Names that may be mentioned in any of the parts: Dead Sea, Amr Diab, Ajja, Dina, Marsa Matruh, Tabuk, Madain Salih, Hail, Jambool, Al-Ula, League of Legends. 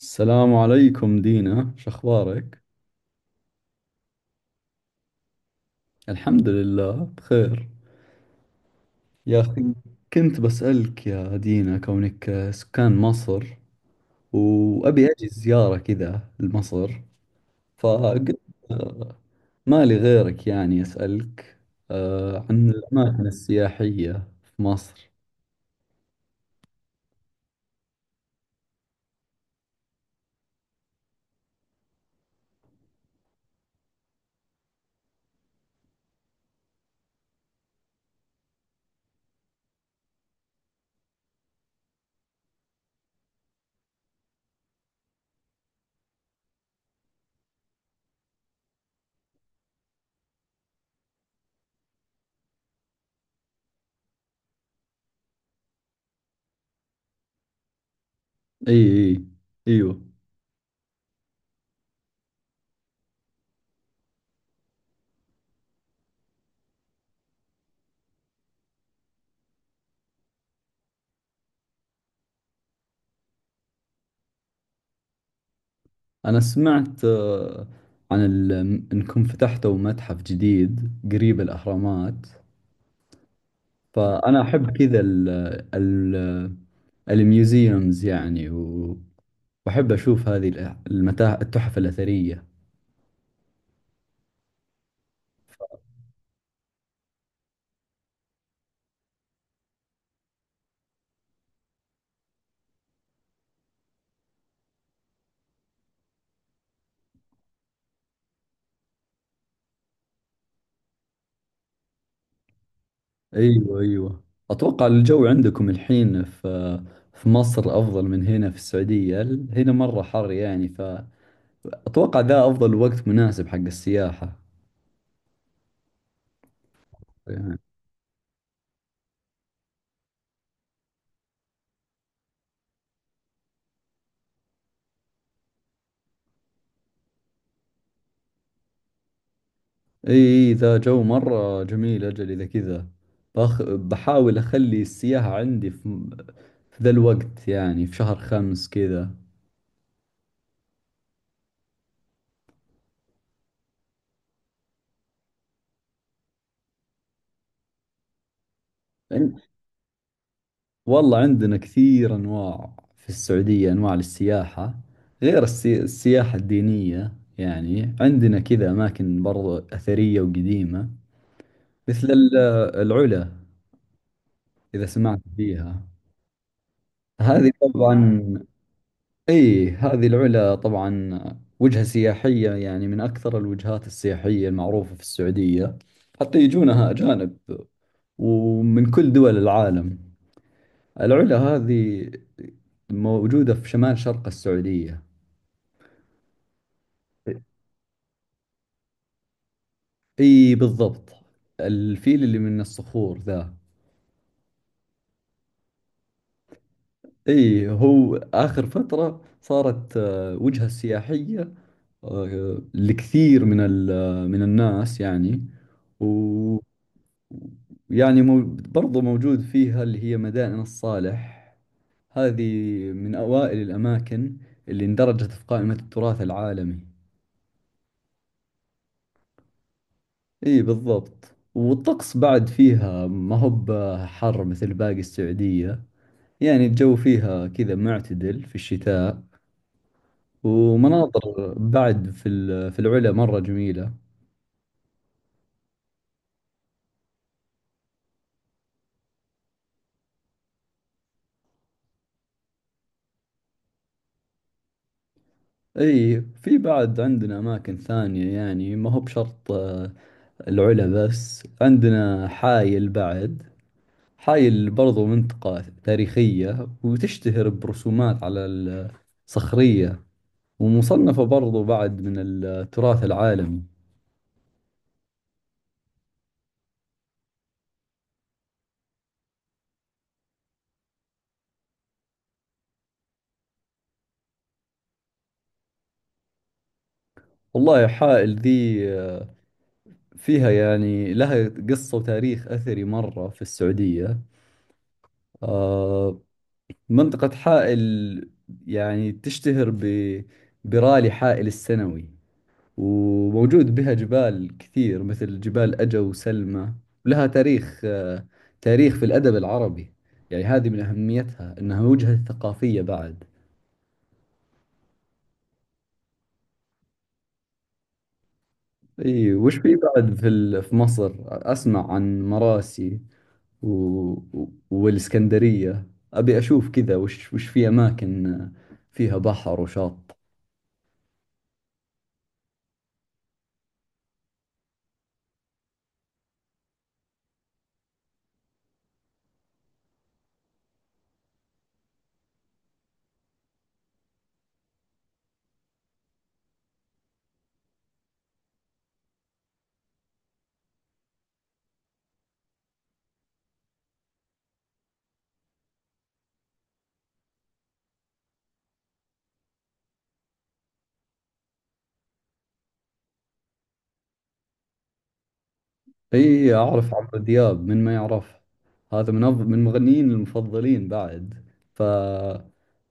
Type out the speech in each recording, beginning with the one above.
السلام عليكم دينا، شخبارك؟ الحمد لله بخير يا أخي. كنت بسألك يا دينا كونك سكان مصر، وأبي أجي زيارة كذا لمصر، فقلت آه، ما لي غيرك يعني أسألك عن الأماكن السياحية في مصر. إي، إي، إيوه. أنا سمعت عن إنكم فتحتوا متحف جديد قريب الأهرامات. فأنا أحب كذا ال ال الميوزيومز يعني وأحب أشوف هذه المتاحف التحف الأثرية. أيوة، أيوة. أتوقع الجو عندكم الحين في مصر أفضل من هنا في السعودية، هنا مرة حر يعني. فأتوقع ذا أفضل وقت مناسب حق السياحة يعني. إي، إي، ذا جو مرة جميل أجل إذا كذا. بحاول أخلي السياحة عندي في ذا الوقت، يعني في شهر خمس كذا. والله عندنا كثير أنواع في السعودية، أنواع للسياحة غير السياحة الدينية. يعني عندنا كذا أماكن برضو أثرية وقديمة، مثل العلا، إذا سمعت فيها. هذه طبعا، أي هذه العلا طبعا وجهة سياحية، يعني من أكثر الوجهات السياحية المعروفة في السعودية، حتى يجونها أجانب ومن كل دول العالم. العلا هذه موجودة في شمال شرق السعودية. اي بالضبط، الفيل اللي من الصخور ذا. اي، هو اخر فترة صارت وجهة سياحية لكثير من من الناس يعني. و يعني مو برضو موجود فيها اللي هي مدائن الصالح، هذه من أوائل الأماكن اللي اندرجت في قائمة التراث العالمي. اي بالضبط، والطقس بعد فيها ما هو بحر مثل باقي السعودية. يعني الجو فيها كذا معتدل في الشتاء، ومناظر بعد في العلا مرة جميلة. اي، في بعد عندنا اماكن ثانية، يعني ما هو بشرط العلا بس، عندنا حايل بعد. حايل برضو منطقة تاريخية وتشتهر برسومات على الصخرية، ومصنفة برضو بعد من التراث العالمي. والله حائل ذي فيها يعني لها قصة وتاريخ أثري مرة في السعودية. آه، منطقة حائل يعني تشتهر برالي حائل السنوي، وموجود بها جبال كثير مثل جبال أجا وسلمى. ولها تاريخ تاريخ في الأدب العربي. يعني هذه من أهميتها أنها وجهة ثقافية بعد. إي. وش في بعد في مصر؟ أسمع عن مراسي و... والإسكندرية. أبي أشوف كذا، وش في أماكن فيها بحر وشاطئ. اي اعرف عمرو دياب، من ما يعرف. هذا من مغنيين المفضلين بعد. ف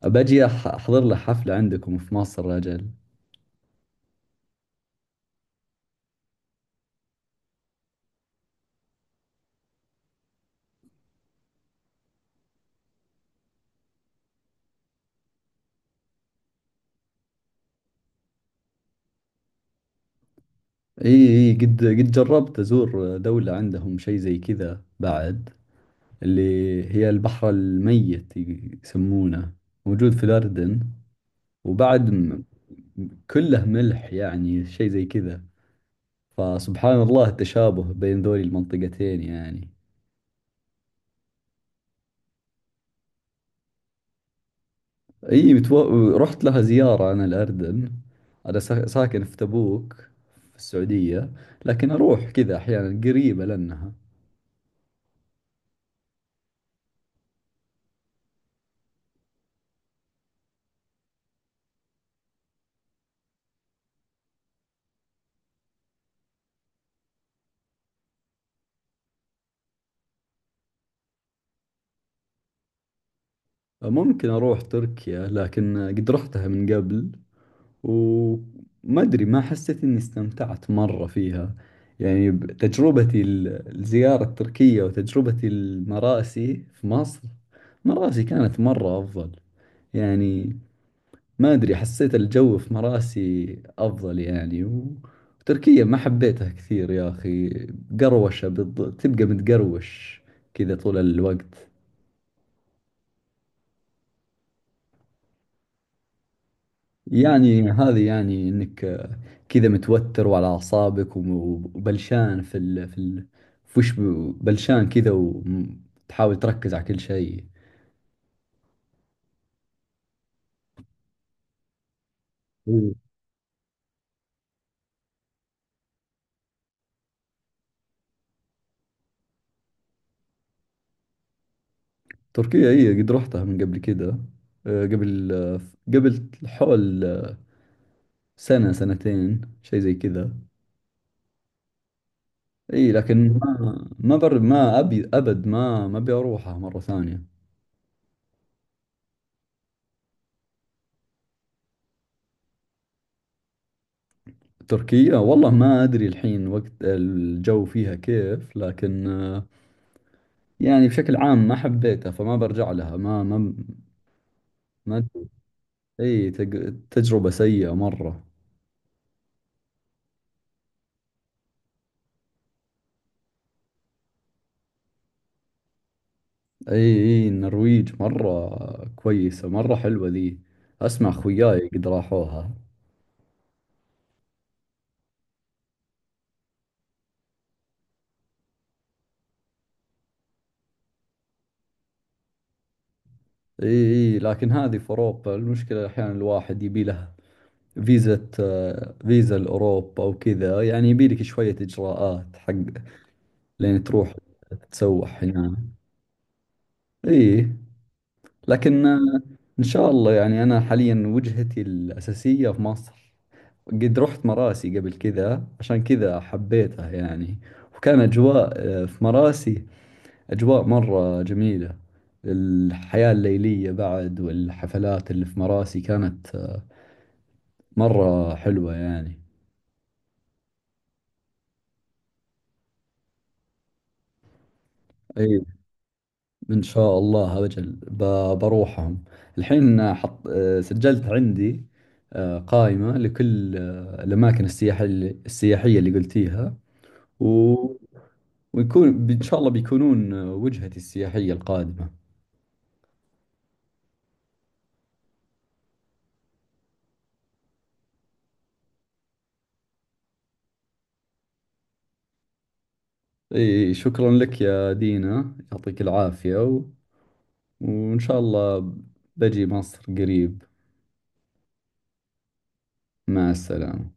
احضر له حفلة عندكم في مصر اجل. اي، اي، قد جربت ازور دولة عندهم شيء زي كذا بعد، اللي هي البحر الميت يسمونه، موجود في الأردن. وبعد م- كله ملح، يعني شيء زي كذا. فسبحان الله التشابه بين ذولي المنطقتين يعني. اي رحت لها زيارة انا الاردن. انا ساكن في تبوك في السعودية، لكن اروح كذا احيانا قريبة لانها. ممكن اروح تركيا، لكن قد رحتها من قبل وما ادري، ما حسيت اني استمتعت مرة فيها. يعني تجربتي الزيارة التركية وتجربتي المراسي في مصر، مراسي كانت مرة افضل يعني. ما أدري، حسيت الجو في مراسي أفضل يعني وتركيا ما حبيتها كثير يا أخي، تبقى متقروش كذا طول الوقت. يعني هذه يعني إنك كذا متوتر وعلى أعصابك وبلشان في وش بلشان كذا وتحاول تركز على كل شيء. إيه. تركيا هي قد رحتها من قبل كذا، آه، قبل آه، قبل حول سنة سنتين شيء زي كذا. اي لكن ما ابي ابد ما ابي اروحها مرة ثانية. تركيا والله، ما ادري الحين وقت الجو فيها كيف، لكن يعني بشكل عام ما حبيتها، فما برجع لها ما ما ما اي تجربة سيئة مرة. اي، اي، النرويج مرة كويسة، مرة حلوة ذي، اسمع خوياي قد راحوها. اي، اي، لكن هذه في اوروبا. المشكلة احيانا الواحد يبي لها فيزا، فيزا لأوروبا وكذا يعني، يبيلك شوية إجراءات حق لين تروح تتسوح هنا. إيه، لكن إن شاء الله يعني أنا حاليا وجهتي الأساسية في مصر. قد رحت مراسي قبل كذا عشان كذا حبيتها يعني. وكان أجواء في مراسي أجواء مرة جميلة. الحياة الليلية بعد والحفلات اللي في مراسي كانت مرة حلوة يعني. إيه، إن شاء الله أجل بروحهم الحين. حط سجلت عندي قائمة لكل الأماكن السياحية اللي قلتيها و... ويكون إن شاء الله بيكونون وجهتي السياحية القادمة. إي، شكرا لك يا دينا، يعطيك العافية وإن شاء الله بجي مصر قريب. مع السلامة.